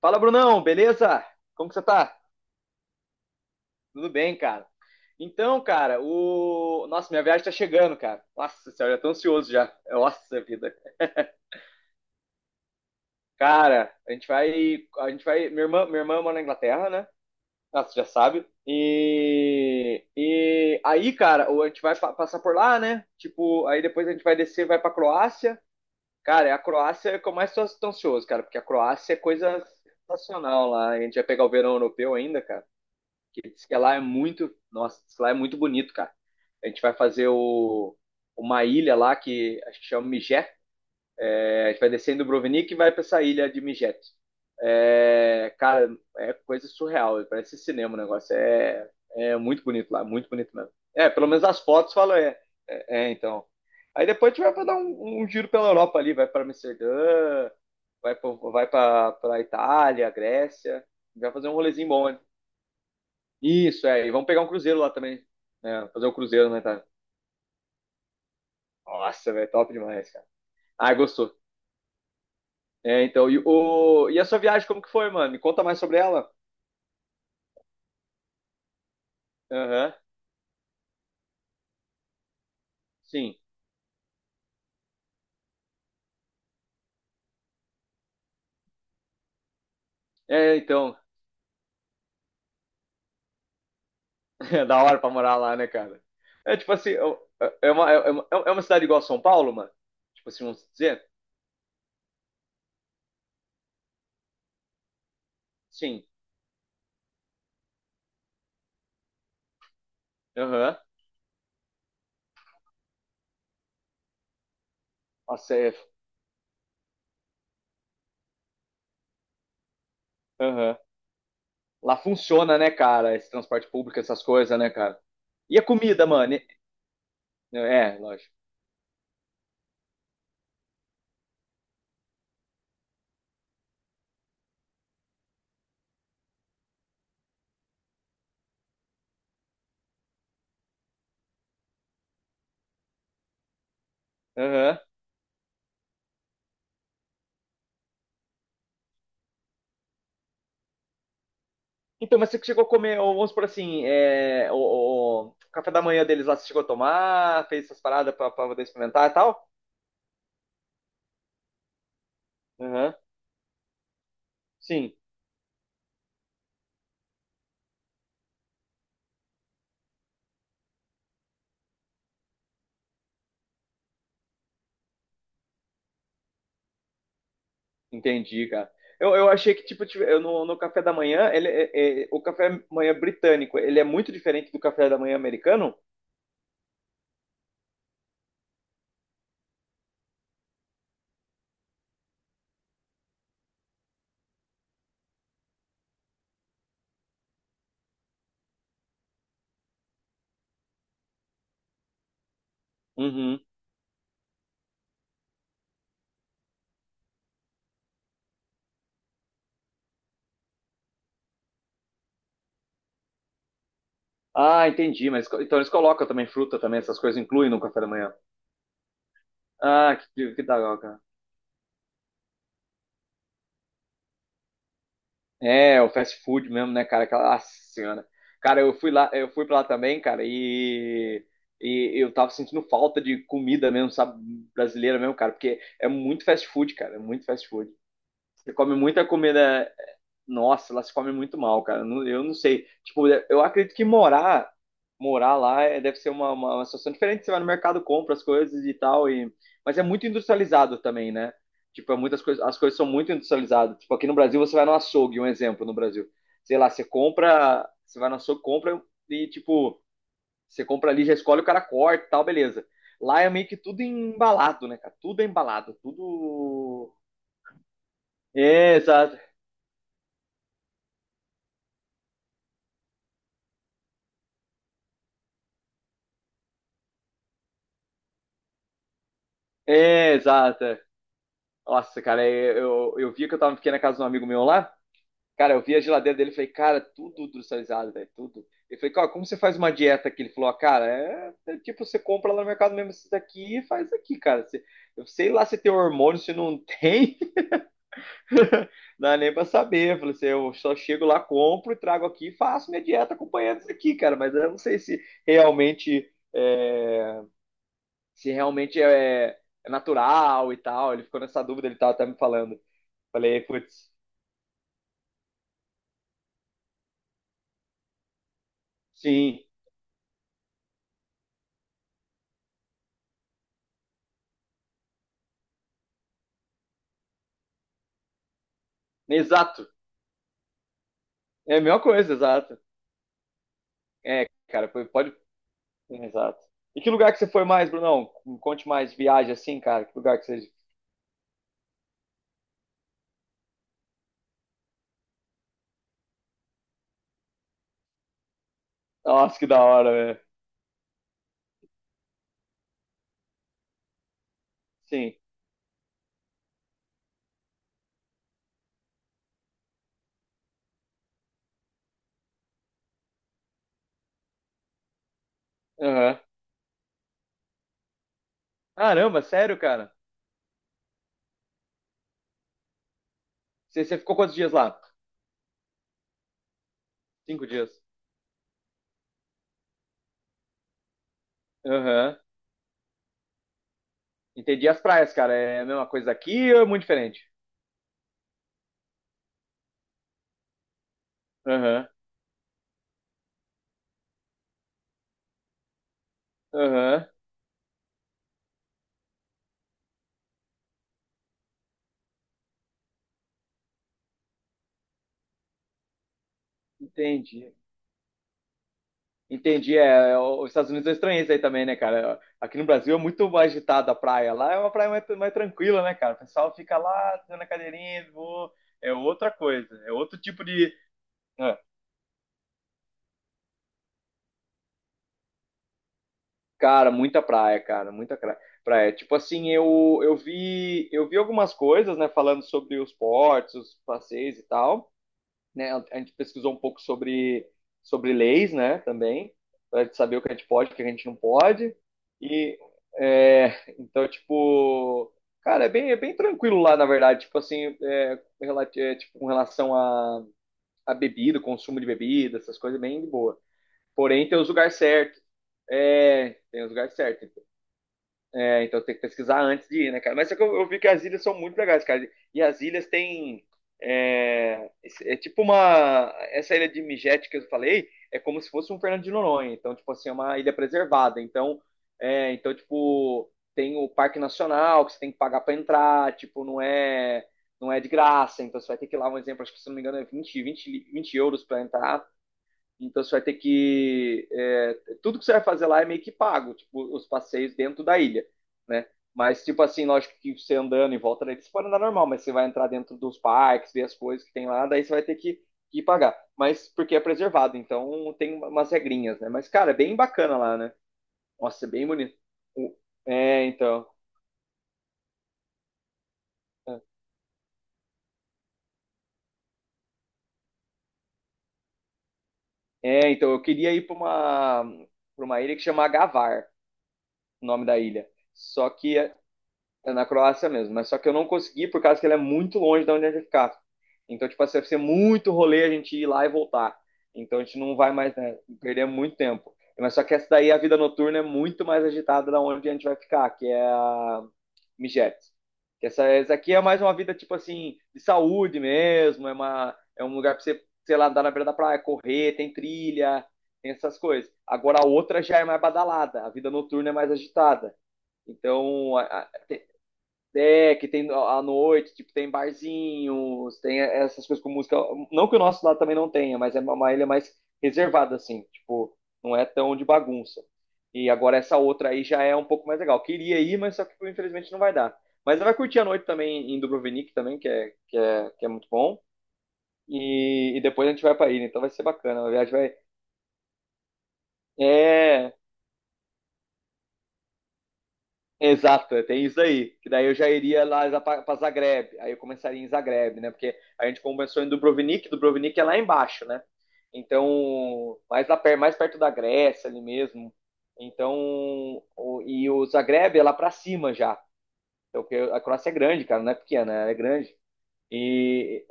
Fala, Brunão, beleza? Como que você tá? Tudo bem, cara. Então, cara, o. Nossa, minha viagem tá chegando, cara. Nossa senhora, já tô ansioso já. Nossa vida. Cara, a gente vai. A gente vai. Minha irmã mora na Inglaterra, né? Ah, você já sabe. E. E aí, cara, a gente vai passar por lá, né? Tipo, aí depois a gente vai descer, vai pra Croácia. Cara, é a Croácia que eu mais tô ansioso, cara, porque a Croácia é coisa sensacional lá. A gente vai pegar o verão europeu ainda, cara. Que diz que lá é muito, nossa, diz que lá é muito bonito, cara. A gente vai fazer o, uma ilha lá que acho que chama Mijet. É, a gente vai descer em Dubrovnik e vai para essa ilha de Mijet. É, cara, é coisa surreal, parece cinema o negócio. É, é muito bonito lá, muito bonito mesmo. É, pelo menos as fotos falam, então. Aí depois a gente vai pra dar um, um giro pela Europa ali, vai para Amsterdã, vai para Itália, Grécia, vai fazer um rolezinho bom. Né? Isso, é. E vamos pegar um cruzeiro lá também. É, fazer um cruzeiro, né, tá? Nossa, velho, top demais, cara. Ah, gostou. É, então, e, o... e a sua viagem, como que foi, mano? Me conta mais sobre ela. Aham, sim. É, então, é da hora pra morar lá, né, cara? É tipo assim, é uma, é uma cidade igual a São Paulo, mano? Tipo assim, vamos dizer? Sim. Aham. Nossa, aham. Lá funciona, né, cara? Esse transporte público, essas coisas, né, cara? E a comida, mano? E- É, lógico. Aham. Então, mas você chegou a comer, ou vamos por assim, é, o café da manhã deles lá, você chegou a tomar, fez essas paradas pra poder experimentar e tal? Aham. Sim, entendi, cara. Eu achei que, tipo, eu, no café da manhã, ele, o café da manhã britânico, ele é muito diferente do café da manhã americano? Uhum. Ah, entendi, mas então eles colocam também fruta também, essas coisas incluem no café da manhã. Ah, que da hora, cara. É, o fast food mesmo, né, cara? Aquela nossa senhora. Cara, eu fui lá, eu fui pra lá também, cara, e eu tava sentindo falta de comida mesmo, sabe? Brasileira mesmo, cara, porque é muito fast food, cara, é muito fast food. Você come muita comida. Nossa, lá se come muito mal, cara. Não- Eu não sei. Tipo, eu acredito que morar, morar lá é- deve ser uma, uma situação diferente. Você vai no mercado, compra as coisas e tal. E... Mas é muito industrializado também, né? Tipo, é muitas coisas, as coisas são muito industrializadas. Tipo, aqui no Brasil você vai no açougue, um exemplo no Brasil. Sei lá, você compra, você vai no açougue, compra e tipo, você compra ali, já escolhe, o cara corta e tal, beleza. Lá é meio que tudo embalado, né, cara? Tudo é embalado, tudo. É, exato. É, exata. Nossa, cara, é, eu vi que eu tava fiquei na casa de um amigo meu lá. Cara, eu vi a geladeira dele e falei, cara, tudo industrializado, velho, tudo. Eu falei, cara, como você faz uma dieta aqui? Ele falou, ah, cara, é tipo, você compra lá no mercado mesmo isso daqui e faz aqui, cara. Você- eu sei lá se tem hormônio, se não tem, não dá nem pra saber. Eu falei assim, eu só chego lá, compro e trago aqui e faço minha dieta acompanhando isso aqui, cara. Mas eu não sei se realmente é, se realmente é, é natural e tal. Ele ficou nessa dúvida, ele tava até me falando. Falei, putz, sim, exato. É a mesma coisa, exato. É, cara, foi- pode. Exato. E que lugar que você foi mais, Brunão? Me conte mais viagem assim, cara. Que lugar que você. Nossa, que da hora, velho. Sim. Aham. Caramba, sério, cara? Você ficou quantos dias lá? Cinco dias. Aham. Entendi as praias, cara. É a mesma coisa aqui ou é muito diferente? Aham. Aham. Entendi. Entendi, os Estados Unidos eu estranhei aí também, né, cara? Aqui no Brasil é muito mais agitada a praia. Lá é uma praia mais, mais tranquila, né, cara? O pessoal fica lá, fazendo a cadeirinha, vou... é outra coisa, é outro tipo de... É. Cara, muita praia, cara, praia. Tipo assim, eu vi algumas coisas, né, falando sobre os portos, os passeios e tal. Né? A gente pesquisou um pouco sobre, sobre leis, né? Também, para saber o que a gente pode, o que a gente não pode. E, é, então, tipo, cara, é bem tranquilo lá, na verdade. Tipo assim, é, é, tipo, com relação a bebida, consumo de bebida, essas coisas, bem de boa. Porém, tem os lugares certos. É, tem os lugares certos. É, então tem que pesquisar antes de ir, né, cara? Mas só que eu vi que as ilhas são muito legais, cara. E as ilhas têm. É, é tipo uma. Essa ilha de Migete que eu falei é como se fosse um Fernando de Noronha. Então, tipo assim, é uma ilha preservada. Então, é, então tipo, tem o Parque Nacional que você tem que pagar pra entrar. Tipo, não é, não é de graça. Então, você vai ter que ir lá, um exemplo, acho que se não me engano é 20 euros pra entrar. Então você vai ter que. É, tudo que você vai fazer lá é meio que pago, tipo, os passeios dentro da ilha, né? Mas, tipo assim, lógico que você andando em volta daí, você pode andar normal, mas você vai entrar dentro dos parques, ver as coisas que tem lá, daí você vai ter que pagar. Mas porque é preservado, então tem umas regrinhas, né? Mas, cara, é bem bacana lá, né? Nossa, é bem bonito. O- É, então. É, então, eu queria ir para uma ilha que chama Gavar, o nome da ilha. Só que é na Croácia mesmo, mas só que eu não consegui por causa que ele é muito longe da onde a gente ficava. Então, tipo assim, vai ser muito rolê a gente ir lá e voltar. Então a gente não vai mais, né? Perder muito tempo. Mas só que essa daí, a vida noturna é muito mais agitada da onde a gente vai ficar, que é a Mijet. Que essa aqui é mais uma vida, tipo assim, de saúde mesmo, é, uma, é um lugar pra você, sei lá, andar na beira da praia, correr, tem trilha, tem essas coisas. Agora a outra já é mais badalada, a vida noturna é mais agitada. Então, a, é, que tem à noite, tipo, tem barzinhos, tem essas coisas com música. Não que o nosso lado também não tenha, mas é uma ilha mais reservada, assim, tipo, não é tão de bagunça. E agora essa outra aí já é um pouco mais legal. Queria ir, mas só que tipo, infelizmente não vai dar. Mas vai curtir a noite também em Dubrovnik também, que é muito bom. E depois a gente vai pra ilha, então vai ser bacana. A viagem vai. É, exato, é, tem isso aí. Que daí eu já iria lá para Zagreb. Aí eu começaria em Zagreb, né? Porque a gente começou em Dubrovnik, Dubrovnik é lá embaixo, né? Então, mais, lá, mais perto da Grécia ali mesmo. Então, e o Zagreb é lá para cima já. Então, porque a Croácia é grande, cara, não é pequena, ela é grande. E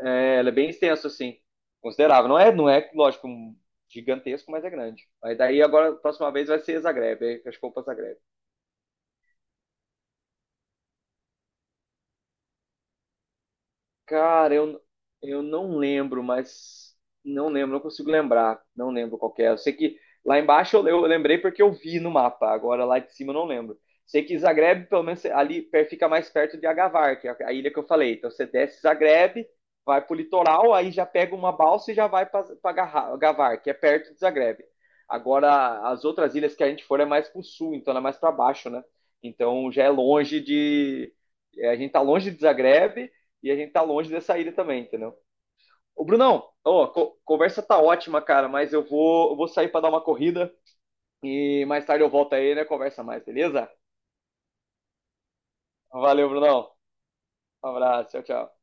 é, ela é bem extensa assim, considerável. Não é, não é, lógico, um gigantesco, mas é grande. Aí daí agora, a próxima vez vai ser Zagreb. Aí acho que eu vou para Zagreb. Cara, eu não lembro, mas não lembro, não consigo lembrar. Não lembro qual que é. Eu sei que lá embaixo eu lembrei porque eu vi no mapa, agora lá de cima eu não lembro. Sei que Zagreb, pelo menos ali fica mais perto de Agavar, que é a ilha que eu falei. Então você desce Zagreb, vai pro litoral, aí já pega uma balsa e já vai para Agavar, que é perto de Zagreb. Agora, as outras ilhas que a gente for é mais pro sul, então ela é mais para baixo, né? Então já é longe de. É, a gente tá longe de Zagreb e a gente tá longe dessa ilha também, entendeu? Ô, Brunão, ó, conversa tá ótima, cara, mas eu vou sair pra dar uma corrida e mais tarde eu volto aí, né? Conversa mais, beleza? Valeu, Brunão. Um abraço, tchau, tchau.